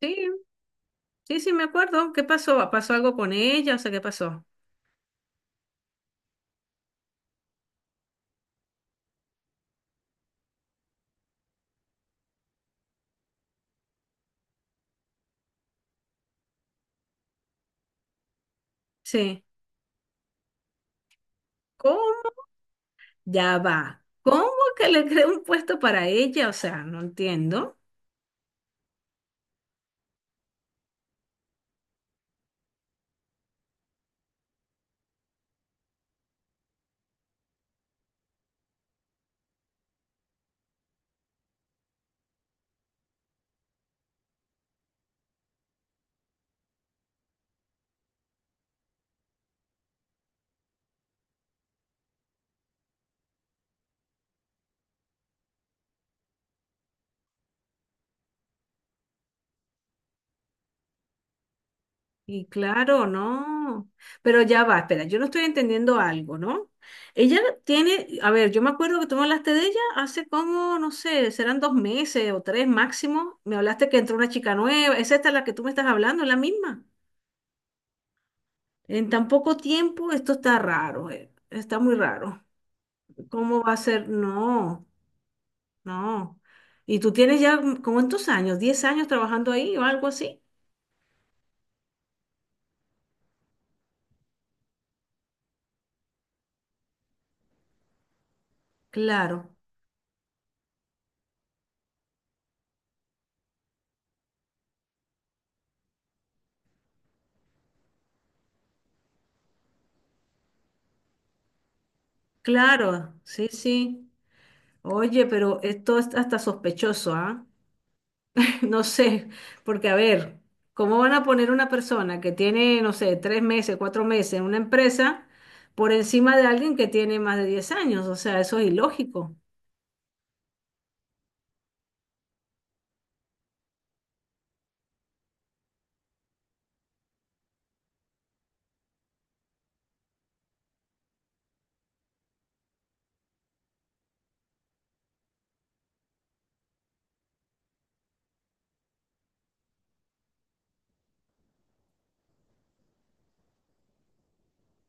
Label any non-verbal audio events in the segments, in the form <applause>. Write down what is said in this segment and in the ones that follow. Sí, sí, sí, me acuerdo. ¿Qué pasó? ¿Pasó algo con ella? O sea, ¿qué pasó? Sí. ¿Cómo? Ya va. ¿Cómo que le <laughs> creó un puesto para ella? O sea, no entiendo. Y claro, no. Pero ya va, espera, yo no estoy entendiendo algo, ¿no? Ella tiene, a ver, yo me acuerdo que tú me hablaste de ella hace como, no sé, serán 2 meses o 3 máximo. Me hablaste que entró una chica nueva. ¿Es esta la que tú me estás hablando? ¿Es la misma? En tan poco tiempo, esto está raro, está muy raro. ¿Cómo va a ser? No, no. ¿Y tú tienes ya como en tus años, 10 años trabajando ahí o algo así? Claro, claro, sí, sí. Oye, pero esto es hasta sospechoso, ¿ah? <laughs> No sé, porque a ver, ¿cómo van a poner una persona que tiene, no sé, 3 meses, 4 meses en una empresa por encima de alguien que tiene más de 10 años? O sea, eso es ilógico.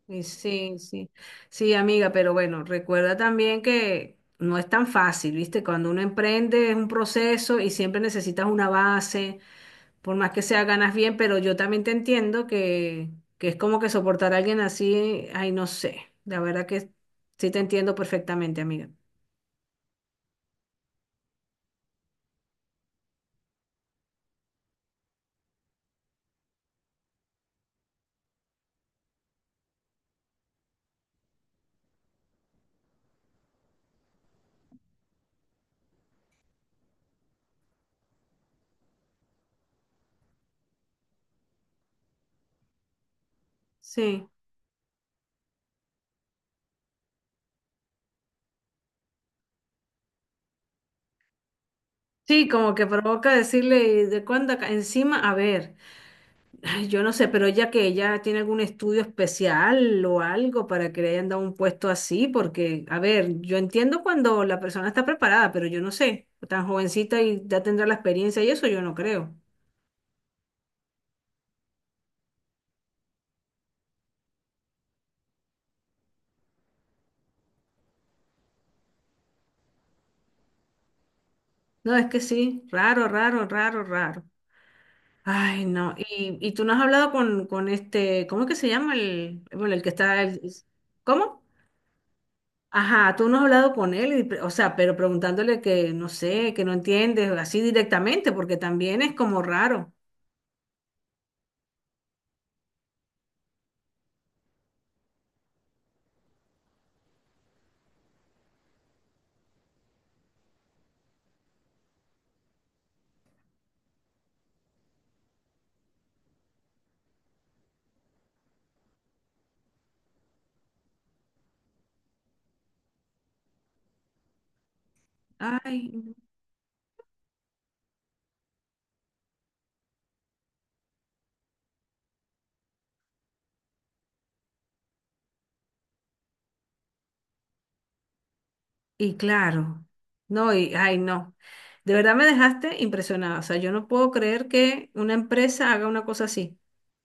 Sí, sí, sí, amiga, pero bueno, recuerda también que no es tan fácil, ¿viste? Cuando uno emprende es un proceso y siempre necesitas una base, por más que sea ganas bien, pero yo también te entiendo que es como que soportar a alguien así, ay, no sé, la verdad que sí te entiendo perfectamente, amiga. Sí, sí, como que provoca decirle, ¿de cuándo acá? Encima, a ver. Ay, yo no sé, pero ella que ella tiene algún estudio especial o algo para que le hayan dado un puesto así, porque, a ver, yo entiendo cuando la persona está preparada, pero yo no sé, tan jovencita y ya tendrá la experiencia y eso yo no creo. No, es que sí, raro, raro, raro, raro. Ay, no, y tú no has hablado con este, ¿cómo es que se llama bueno, el que está, ¿cómo? Ajá, tú no has hablado con él, y o sea, pero preguntándole que no sé, que no entiendes, así directamente, porque también es como raro. Ay, no. y claro, no, ay, no. De verdad me dejaste impresionada. O sea, yo no puedo creer que una empresa haga una cosa así.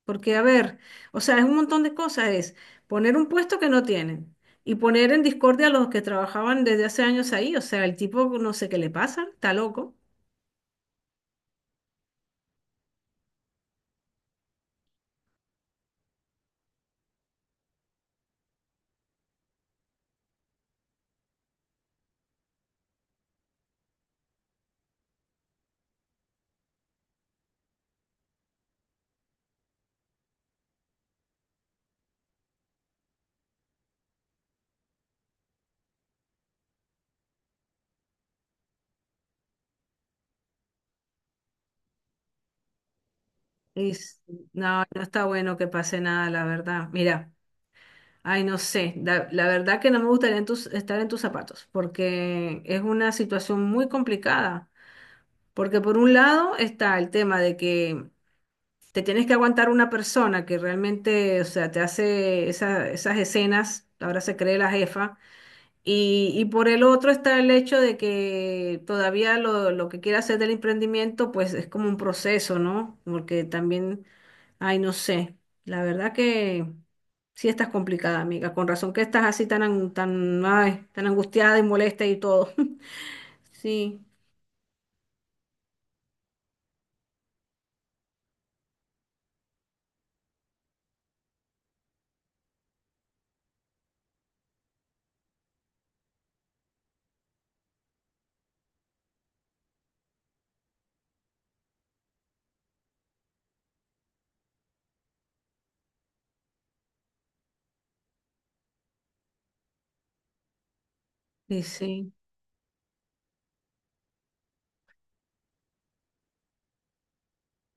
Porque, a ver, o sea, es un montón de cosas. Es poner un puesto que no tienen y poner en discordia a los que trabajaban desde hace años ahí. O sea, el tipo no sé qué le pasa, está loco. Y s- no, no está bueno que pase nada, la verdad. Mira, ay, no sé. La verdad que no me gustaría en estar en tus zapatos porque es una situación muy complicada. Porque por un lado está el tema de que te tienes que aguantar una persona que realmente, o sea, te hace esas escenas, ahora se cree la jefa, y por el otro está el hecho de que todavía lo que quiere hacer del emprendimiento, pues es como un proceso, ¿no? Porque también, ay, no sé, la verdad que sí estás complicada, amiga, con razón que estás así tan, ay, tan angustiada y molesta y todo. <laughs> Sí, sí, sí.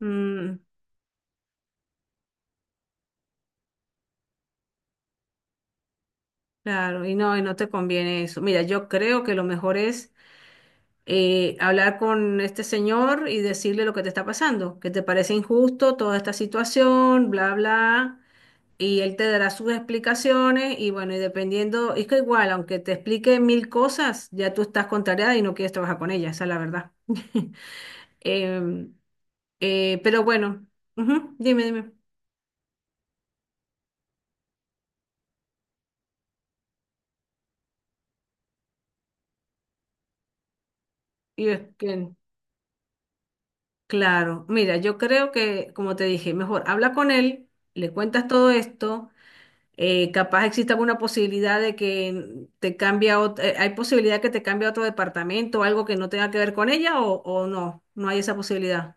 Mm. Claro, y no te conviene eso. Mira, yo creo que lo mejor es hablar con este señor y decirle lo que te está pasando, que te parece injusto toda esta situación, bla, bla, y él te dará sus explicaciones y bueno, y dependiendo, es que igual, aunque te explique mil cosas, ya tú estás contrariada y no quieres trabajar con ella, esa es la verdad. <laughs> Em, pero bueno, ujú, dime, dime. Y es que- Claro, mira, yo creo que, como te dije, mejor habla con él, le cuentas todo esto, capaz exista alguna posibilidad de que te cambie a hay posibilidad que te cambie a otro departamento, algo que no tenga que ver con ella o no, no hay esa posibilidad.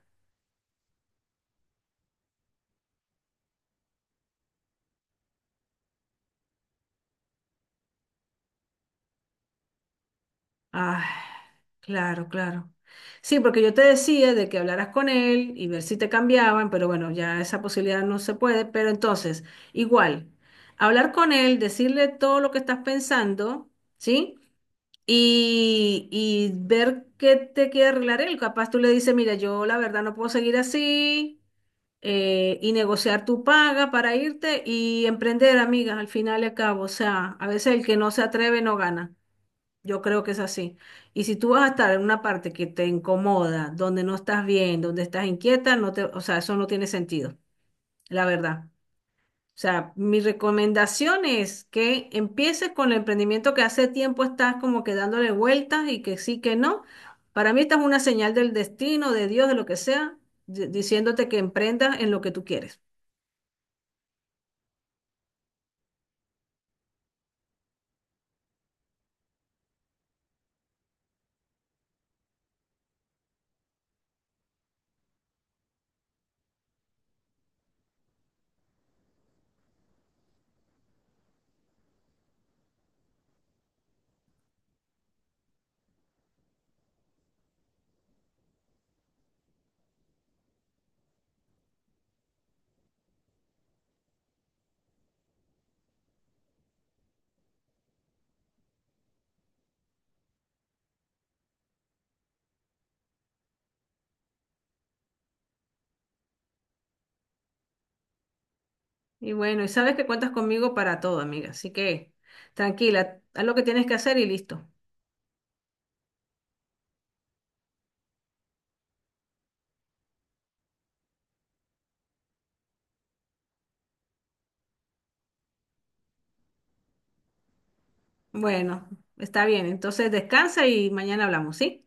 Ah, claro, claro. Sí, porque yo te decía de que hablaras con él y ver si te cambiaban, pero bueno, ya esa posibilidad no se puede, pero entonces, igual, hablar con él, decirle todo lo que estás pensando, ¿sí? Y ver qué te quiere arreglar él. Capaz tú le dices, mira, yo la verdad no puedo seguir así, y negociar tu paga para irte y emprender, amigas, al final y al cabo. O sea, a veces el que no se atreve no gana. Yo creo que es así. Y si tú vas a estar en una parte que te incomoda, donde no estás bien, donde estás inquieta, no te, o sea, eso no tiene sentido, la verdad. O sea, mi recomendación es que empieces con el emprendimiento que hace tiempo estás como que dándole vueltas y que sí, que no. Para mí esta es una señal del destino, de Dios, de lo que sea, diciéndote que emprendas en lo que tú quieres. Y bueno, y sabes que cuentas conmigo para todo, amiga. Así que tranquila, haz lo que tienes que hacer y listo. Bueno, está bien. Entonces descansa y mañana hablamos, ¿sí?